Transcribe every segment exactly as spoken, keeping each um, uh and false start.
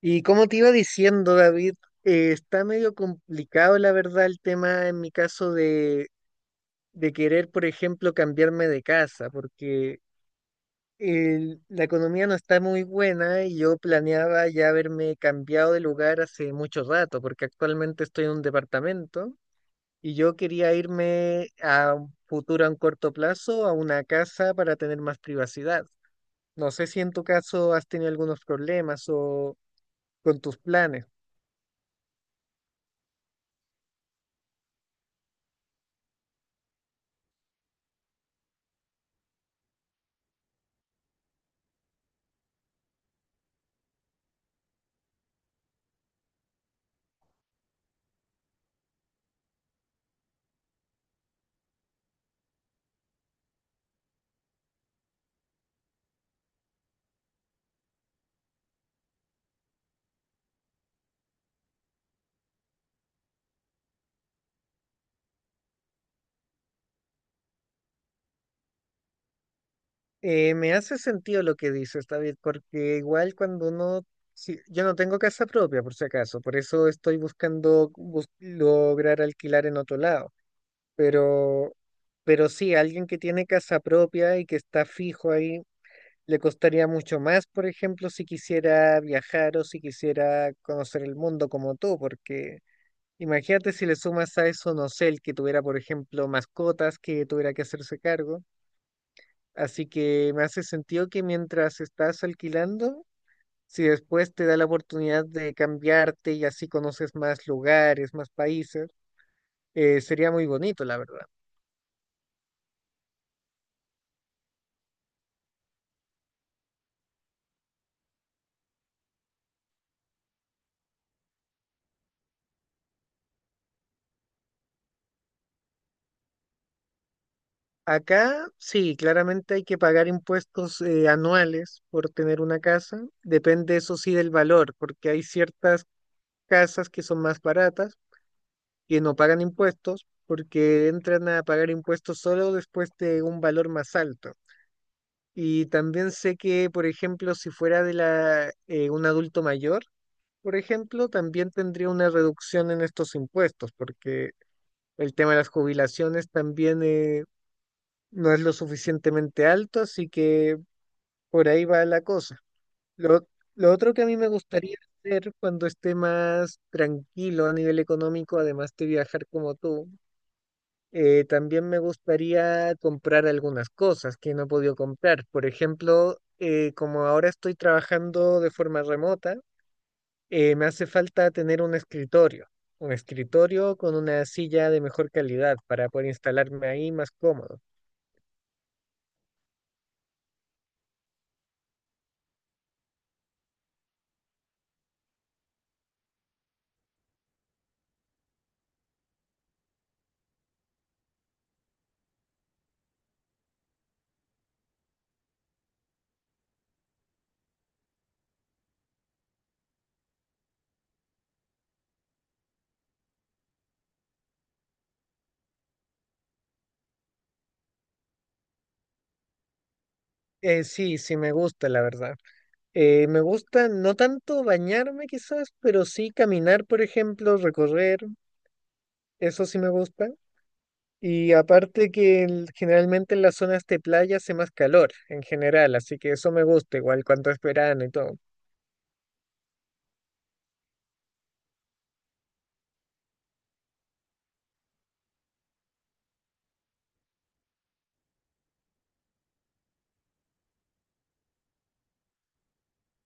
Y como te iba diciendo, David, eh, está medio complicado, la verdad, el tema en mi caso de, de querer, por ejemplo, cambiarme de casa, porque el- la economía no está muy buena y yo planeaba ya haberme cambiado de lugar hace mucho rato, porque actualmente estoy en un departamento y yo quería irme a un futuro, a un corto plazo, a una casa para tener más privacidad. No sé si en tu caso has tenido algunos problemas o con tus planes. Eh, me hace sentido lo que dices, David, porque igual cuando uno, si- yo no tengo casa propia, por si acaso, por eso estoy buscando bus- lograr alquilar en otro lado, pero, pero sí, alguien que tiene casa propia y que está fijo ahí le costaría mucho más, por ejemplo, si quisiera viajar o si quisiera conocer el mundo como tú, porque imagínate si le sumas a eso, no sé, el que tuviera, por ejemplo, mascotas que tuviera que hacerse cargo. Así que me hace sentido que mientras estás alquilando, si después te da la oportunidad de cambiarte y así conoces más lugares, más países, eh, sería muy bonito, la verdad. Acá sí, claramente hay que pagar impuestos eh, anuales por tener una casa. Depende eso sí del valor, porque hay ciertas casas que son más baratas que no pagan impuestos porque entran a pagar impuestos solo después de un valor más alto. Y también sé que, por ejemplo, si fuera de la, eh, un adulto mayor, por ejemplo, también tendría una reducción en estos impuestos, porque el tema de las jubilaciones también eh, no es lo suficientemente alto, así que por ahí va la cosa. Lo, lo otro que a mí me gustaría hacer cuando esté más tranquilo a nivel económico, además de viajar como tú, eh, también me gustaría comprar algunas cosas que no he podido comprar. Por ejemplo, eh, como ahora estoy trabajando de forma remota, eh, me hace falta tener un escritorio, un escritorio con una silla de mejor calidad para poder instalarme ahí más cómodo. Eh, sí, sí me gusta, la verdad. Eh, me gusta no tanto bañarme quizás, pero sí caminar, por ejemplo, recorrer, eso sí me gusta. Y aparte que el- generalmente en las zonas de playa hace más calor en general, así que eso me gusta igual cuando es verano y todo.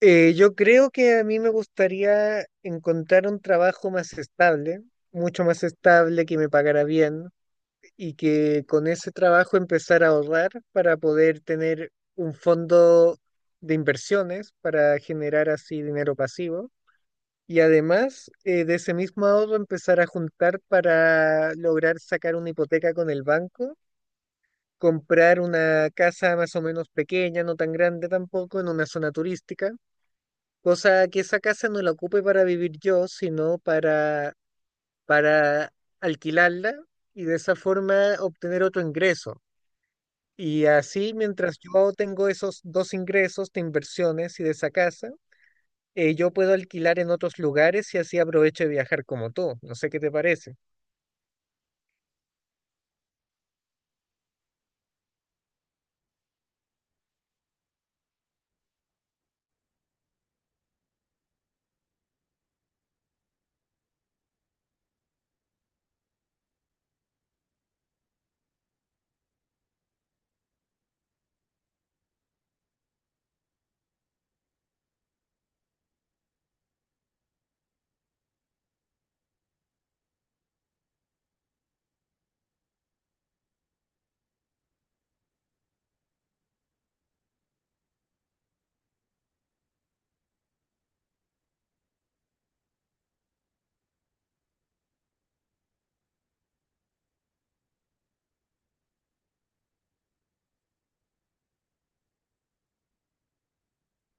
Eh, yo creo que a mí me gustaría encontrar un trabajo más estable, mucho más estable, que me pagara bien y que con ese trabajo empezar a ahorrar para poder tener un fondo de inversiones para generar así dinero pasivo. Y además, eh, de ese mismo ahorro empezar a juntar para lograr sacar una hipoteca con el banco, comprar una casa más o menos pequeña, no tan grande tampoco, en una zona turística, cosa que esa casa no la ocupe para vivir yo, sino para, para alquilarla y de esa forma obtener otro ingreso. Y así, mientras yo tengo esos dos ingresos de inversiones y de esa casa, eh, yo puedo alquilar en otros lugares y así aprovecho de viajar como tú. No sé qué te parece.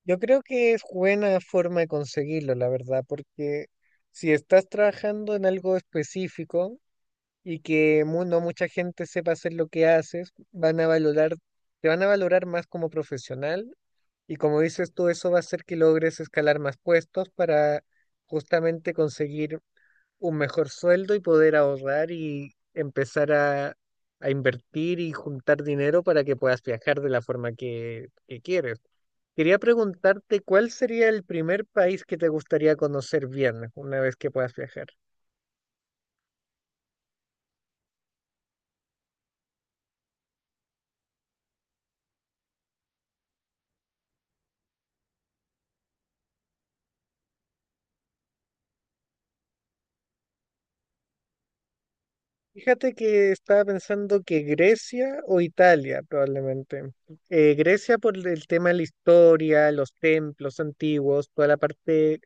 Yo creo que es buena forma de conseguirlo, la verdad, porque si estás trabajando en algo específico y que mu- no mucha gente sepa hacer lo que haces, van a valorar, te van a valorar más como profesional y como dices tú, eso va a hacer que logres escalar más puestos para justamente conseguir un mejor sueldo y poder ahorrar y empezar a, a invertir y juntar dinero para que puedas viajar de la forma que, que quieres. Quería preguntarte cuál sería el primer país que te gustaría conocer bien una vez que puedas viajar. Fíjate que estaba pensando que Grecia o Italia probablemente. Eh, Grecia por el tema de la historia, los templos antiguos, toda la parte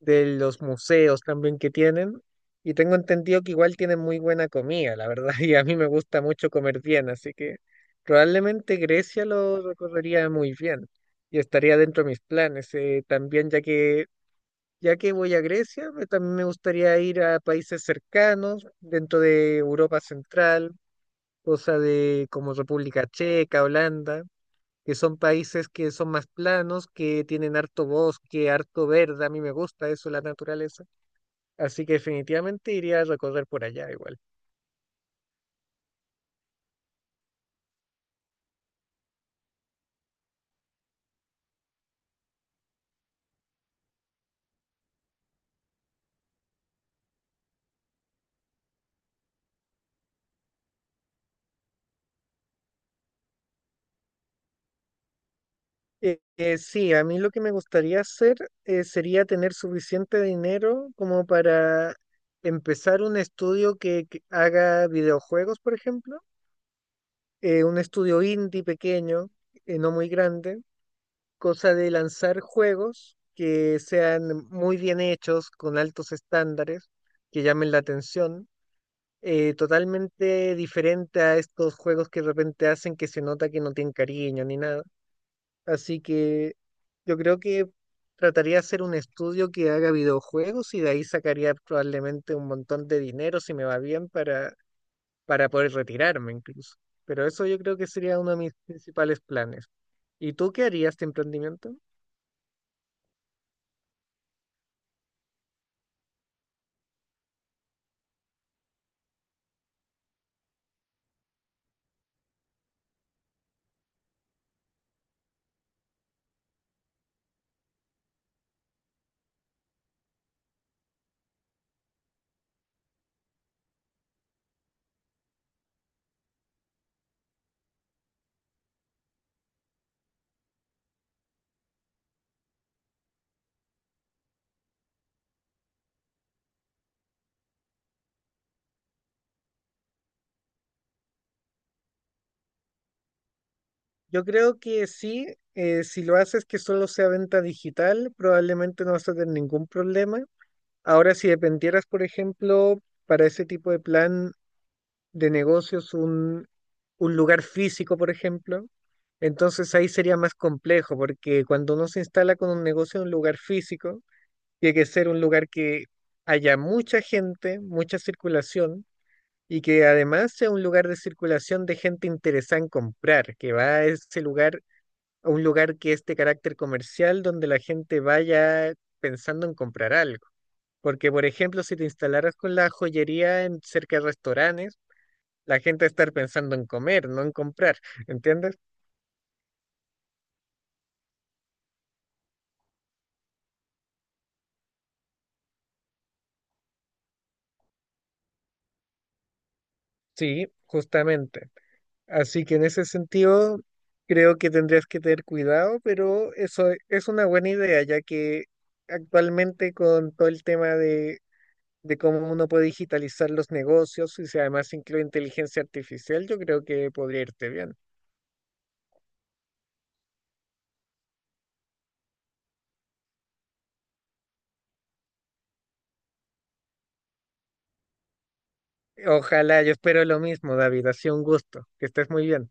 de los museos también que tienen. Y tengo entendido que igual tienen muy buena comida, la verdad, y a mí me gusta mucho comer bien, así que probablemente Grecia lo recorrería muy bien y estaría dentro de mis planes. Eh, también ya que, ya que voy a Grecia, me- también me gustaría ir a países cercanos, dentro de Europa Central, cosa de como República Checa, Holanda, que son países que son más planos, que tienen harto bosque, harto verde, a mí me gusta eso, la naturaleza. Así que definitivamente iría a recorrer por allá igual. Eh, eh, sí, a mí lo que me gustaría hacer eh, sería tener suficiente dinero como para empezar un estudio que, que haga videojuegos, por ejemplo, eh, un estudio indie pequeño, eh, no muy grande, cosa de lanzar juegos que sean muy bien hechos, con altos estándares, que llamen la atención, eh, totalmente diferente a estos juegos que de repente hacen que se nota que no tienen cariño ni nada. Así que yo creo que trataría de hacer un estudio que haga videojuegos y de ahí sacaría probablemente un montón de dinero si me va bien para, para poder retirarme incluso. Pero eso yo creo que sería uno de mis principales planes. ¿Y tú qué harías de emprendimiento? Yo creo que sí, eh, si lo haces que solo sea venta digital, probablemente no vas a tener ningún problema. Ahora, si dependieras, por ejemplo, para ese tipo de plan de negocios un, un lugar físico, por ejemplo, entonces ahí sería más complejo, porque cuando uno se instala con un negocio en un lugar físico, tiene que ser un lugar que haya mucha gente, mucha circulación, y que además sea un lugar de circulación de gente interesada en comprar, que va a ese lugar, a un lugar que es de carácter comercial, donde la gente vaya pensando en comprar algo. Porque, por ejemplo, si te instalaras con la joyería en cerca de restaurantes, la gente va a estar pensando en comer, no en comprar, ¿entiendes? Sí, justamente. Así que en ese sentido, creo que tendrías que tener cuidado, pero eso es una buena idea, ya que actualmente con todo el tema de, de cómo uno puede digitalizar los negocios y si además incluye inteligencia artificial, yo creo que podría irte bien. Ojalá, yo espero lo mismo, David. Ha sido un gusto. Que estés muy bien.